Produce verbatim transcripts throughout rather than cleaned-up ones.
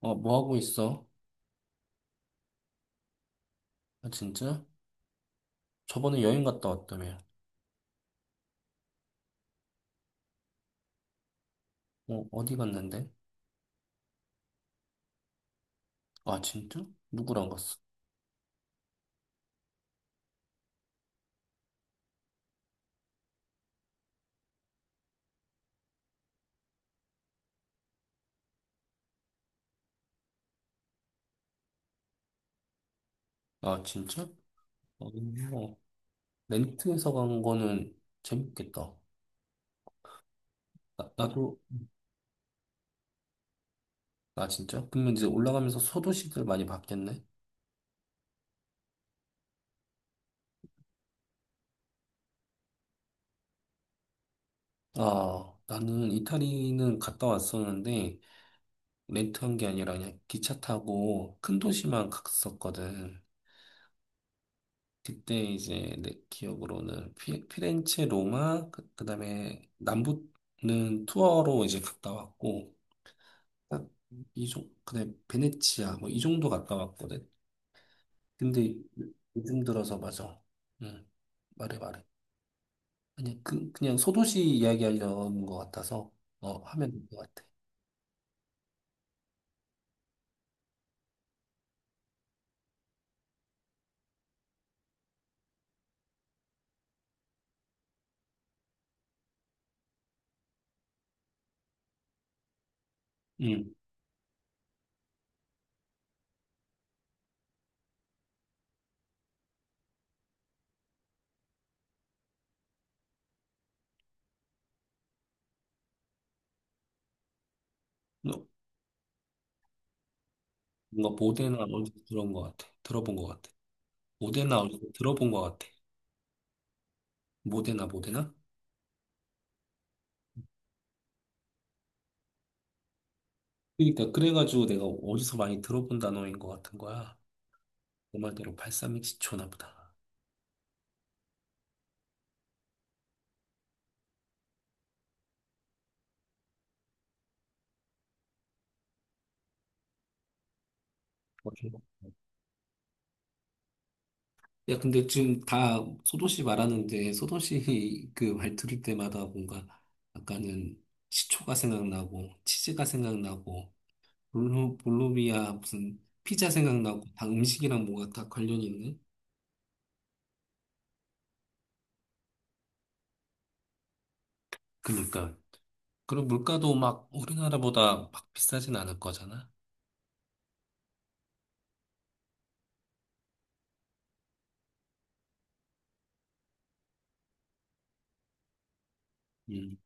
어, 뭐 하고 있어? 아, 진짜? 저번에 여행 갔다 왔다며. 어, 어디 갔는데? 아, 진짜? 누구랑 갔어? 아, 진짜? 어, 어, 렌트해서 간 거는 재밌겠다. 나, 나도, 아, 진짜? 그러면 이제 올라가면서 소도시들 많이 봤겠네? 아, 나는 이탈리는 갔다 왔었는데, 렌트한 게 아니라 그냥 기차 타고 큰 도시만 갔었거든. 그때 이제 내 기억으로는 피, 피렌체, 로마, 그, 그다음에 남부는 투어로 이제 갔다 왔고 딱이 정, 그다음에 베네치아 뭐 이 정도 갔다 왔거든. 근데 요- 요즘 들어서 맞아. 응. 말해 말해. 그냥 그 그냥 소도시 이야기하려는 것 같아서 어 하면 될 것 같아. 응. 너- 뭔가 모데나 어디서 들어온 것 같아. 들어본 것 같아. 모데나 어디서 들어본 것 같아. 모데나 모데나? 그러니까 그래가지고 내가 어디서 많이 들어본 단어인 것 같은 거야. 그 말대로 팔삼이시초나 보다. 어, 좀- 야, 근데 지금 다 소도 씨 말하는데 소도 씨그 말 들을 때마다 뭔가 아까는 시초가 생각나고 치즈가 생각나고 볼로, 볼로비아 무슨 피자 생각나고 다 음식이랑 뭐가 다 관련이 있네. 그니까. 그리고 물가도 막 우리나라보다 막 비싸진 않을 거잖아. 음.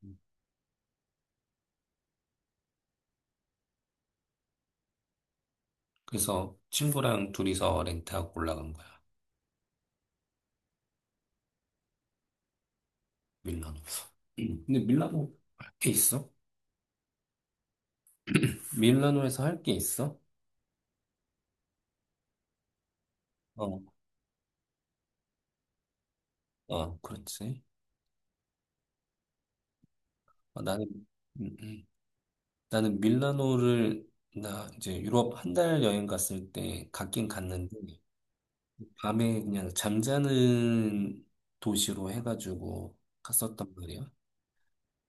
그래서 친구랑 둘이서 렌트하고 올라간 거야. 밀라노. 음, 근데 밀라노 할게 있어? 밀라노에서 할게 있어? 어, 어, 그렇지. 어, 나는, 음, 음. 나는 밀라노를, 나 이제 유럽 한 달 여행 갔을 때 갔긴 갔는데, 밤에 그냥 잠자는 도시로 해가지고 갔었단 말이야.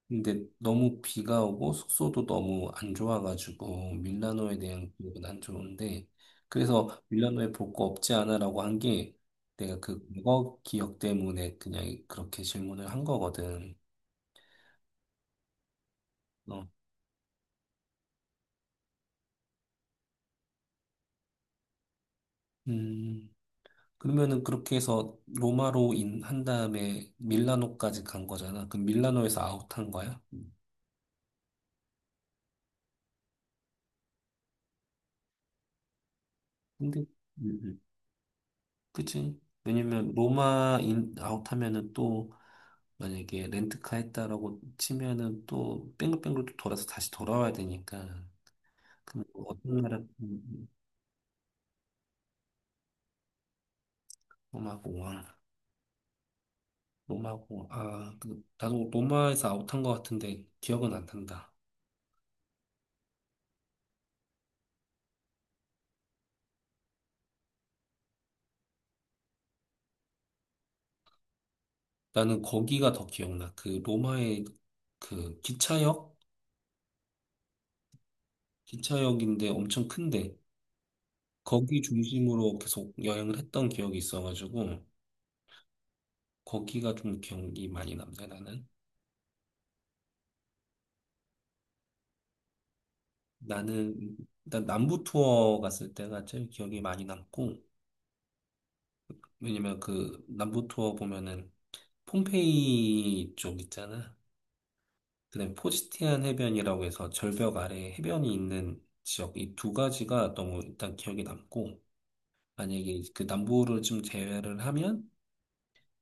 근데 너무 비가 오고 숙소도 너무 안 좋아가지고 밀라노에 대한 기억은 안 좋은데 그래서 밀라노에 볼 거 없지 않아라고 한 게 내가 그 과거 기억 때문에 그냥 그렇게 질문을 한 거거든. 어. 음 그러면은 그렇게 해서 로마로 인한 다음에 밀라노까지 간 거잖아. 그럼 밀라노에서 아웃한 거야? 음. 근데 음, 음. 그치? 왜냐면 로마 인 아웃하면은 또 만약에 렌트카 했다라고 치면은 또 뺑글뺑글 또 돌아서 다시 돌아와야 되니까 그럼 뭐 어떤 나라 음, 로마고 와. 로마고 아 그, 나도 로마에서 아웃한 것 같은데 기억은 안 난다 나는 거기가 더 기억나 그 로마의 그 기차역 기차역인데 엄청 큰데 거기 중심으로 계속 여행을 했던 기억이 있어가지고 거기가 좀 기억이 많이 남네 나는 나는 일단 남부 투어 갔을 때가 제일 기억이 많이 남고 왜냐면 그 남부 투어 보면은 폼페이 쪽 있잖아. 그다음에 포지티안 해변이라고 해서 절벽 아래 해변이 있는 지역 이 두 가지가 너무 일단 기억에 남고 만약에 그 남부를 좀 제외를 하면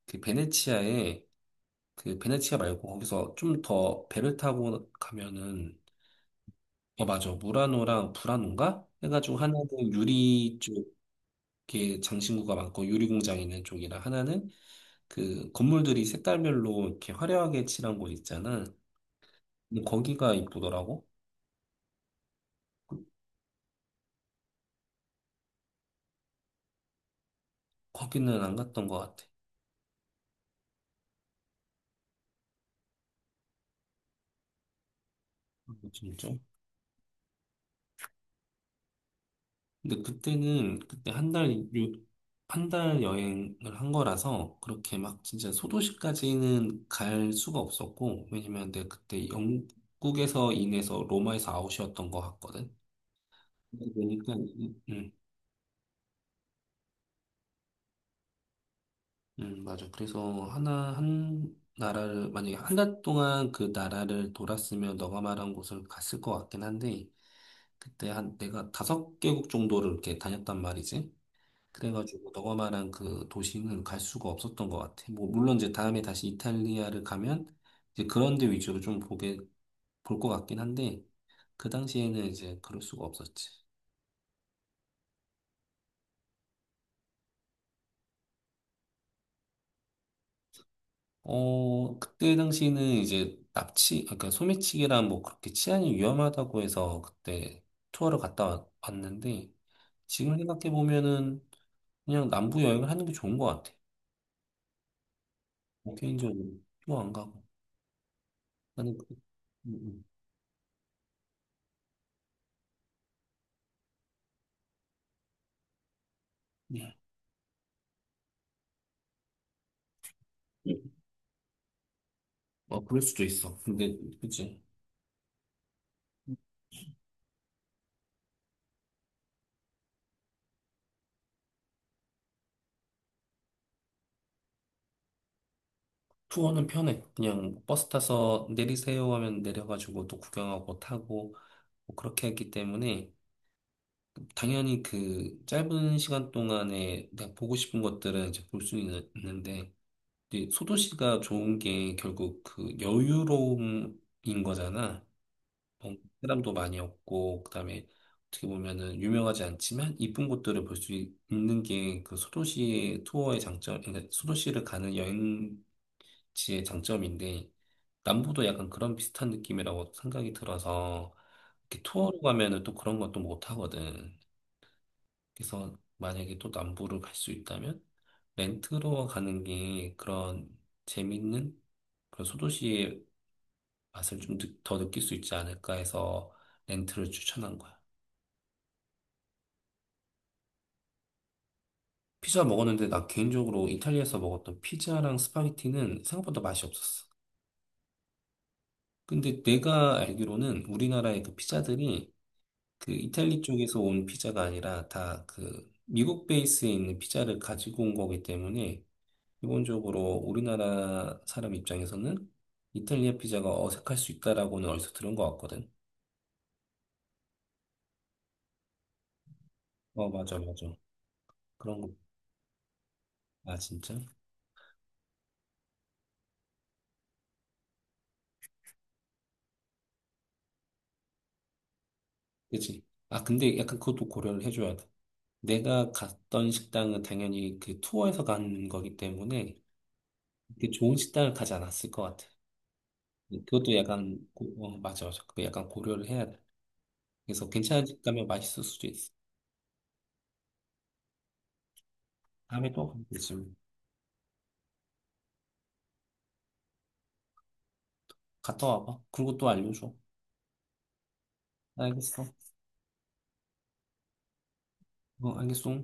그 베네치아에 그 베네치아 말고 거기서 좀 더 배를 타고 가면은 어 맞아 무라노랑 불라노인가 해가지고 하나는 유리 쪽에 장신구가 많고 유리 공장 있는 쪽이라 하나는 그 건물들이 색깔별로 이렇게 화려하게 칠한 곳 있잖아. 근데 거기가 이쁘더라고. 거기는 안 갔던 것 같아. 진짜. 근데 그때는 그때 한 달, 한 달 여행을 한 거라서 그렇게 막 진짜 소도시까지는 갈 수가 없었고, 왜냐면 내가 그때 영국에서 인해서 로마에서 아웃이었던 것 같거든. 그러니까, 음, 맞아. 그래서 하나, 한 나라를, 만약에 한 달 동안 그 나라를 돌았으면 너가 말한 곳을 갔을 것 같긴 한데, 그때 한 내가 다섯 개국 정도를 이렇게 다녔단 말이지. 그래가지고 너가 말한 그 도시는 갈 수가 없었던 것 같아. 뭐, 물론 이제 다음에 다시 이탈리아를 가면 이제 그런 데 위주로 좀 보게, 볼 것 같긴 한데, 그 당시에는 이제 그럴 수가 없었지. 어, 그때 당시에는 이제 납치, 아까 소매치기랑 뭐 그렇게 치안이 위험하다고 해서 그때 투어를 갔다 왔- 왔는데 지금 생각해 보면은 그냥 남부 여행을 하는 게 좋은 것 같아. 뭐 개인적으로 투어 안 가고 나는 그- 음, 음. 음. 어, 그럴 수도 있어. 근데 그치 투어는 편해. 그냥 버스 타서 내리세요 하면 내려가지고 또 구경하고 타고 뭐 그렇게 했기 때문에. 당연히 그 짧은 시간 동안에 내가 보고 싶은 것들은 이제 볼 수 있는데, 이제 소도시가 좋은 게 결국 그 여유로움인 거잖아. 뭐 사람도 많이 없고, 그다음에 어떻게 보면은 유명하지 않지만 이쁜 곳들을 볼 수 있는 게 그 소도시의 투어의 장점, 그러니까 소도시를 가는 여행지의 장점인데, 남부도 약간 그런 비슷한 느낌이라고 생각이 들어서, 이렇게 투어로 가면은 또 그런 것도 못 하거든. 그래서 만약에 또 남부를 갈 수 있다면 렌트로 가는 게 그런 재밌는 그런 소도시의 맛을 좀 더 느낄 수 있지 않을까 해서 렌트를 추천한 거야. 피자 먹었는데 나 개인적으로 이탈리아에서 먹었던 피자랑 스파게티는 생각보다 맛이 없었어. 근데 내가 알기로는 우리나라의 그 피자들이 그 이탈리 쪽에서 온 피자가 아니라 다 그 미국 베이스에 있는 피자를 가지고 온 거기 때문에 기본적으로 우리나라 사람 입장에서는 이탈리아 피자가 어색할 수 있다라고는 어디서 들은 것 같거든. 어, 맞아, 맞아. 그런 거. 아, 진짜? 그치? 아, 근데 약간 그것도 고려를 해줘야 돼. 내가 갔던 식당은 당연히 그 투어에서 간 거기 때문에 그 좋은 식당을 가지 않았을 것 같아. 그것도 약간, 고- 어, 맞아, 맞아. 그거 약간 고려를 해야 돼. 그래서 괜찮은 집 가면 맛있을 수도 있어. 다음에 또 가면 되지. 갔다 와봐. 그리고 또 알려줘. 알겠어. 어, 알겠어.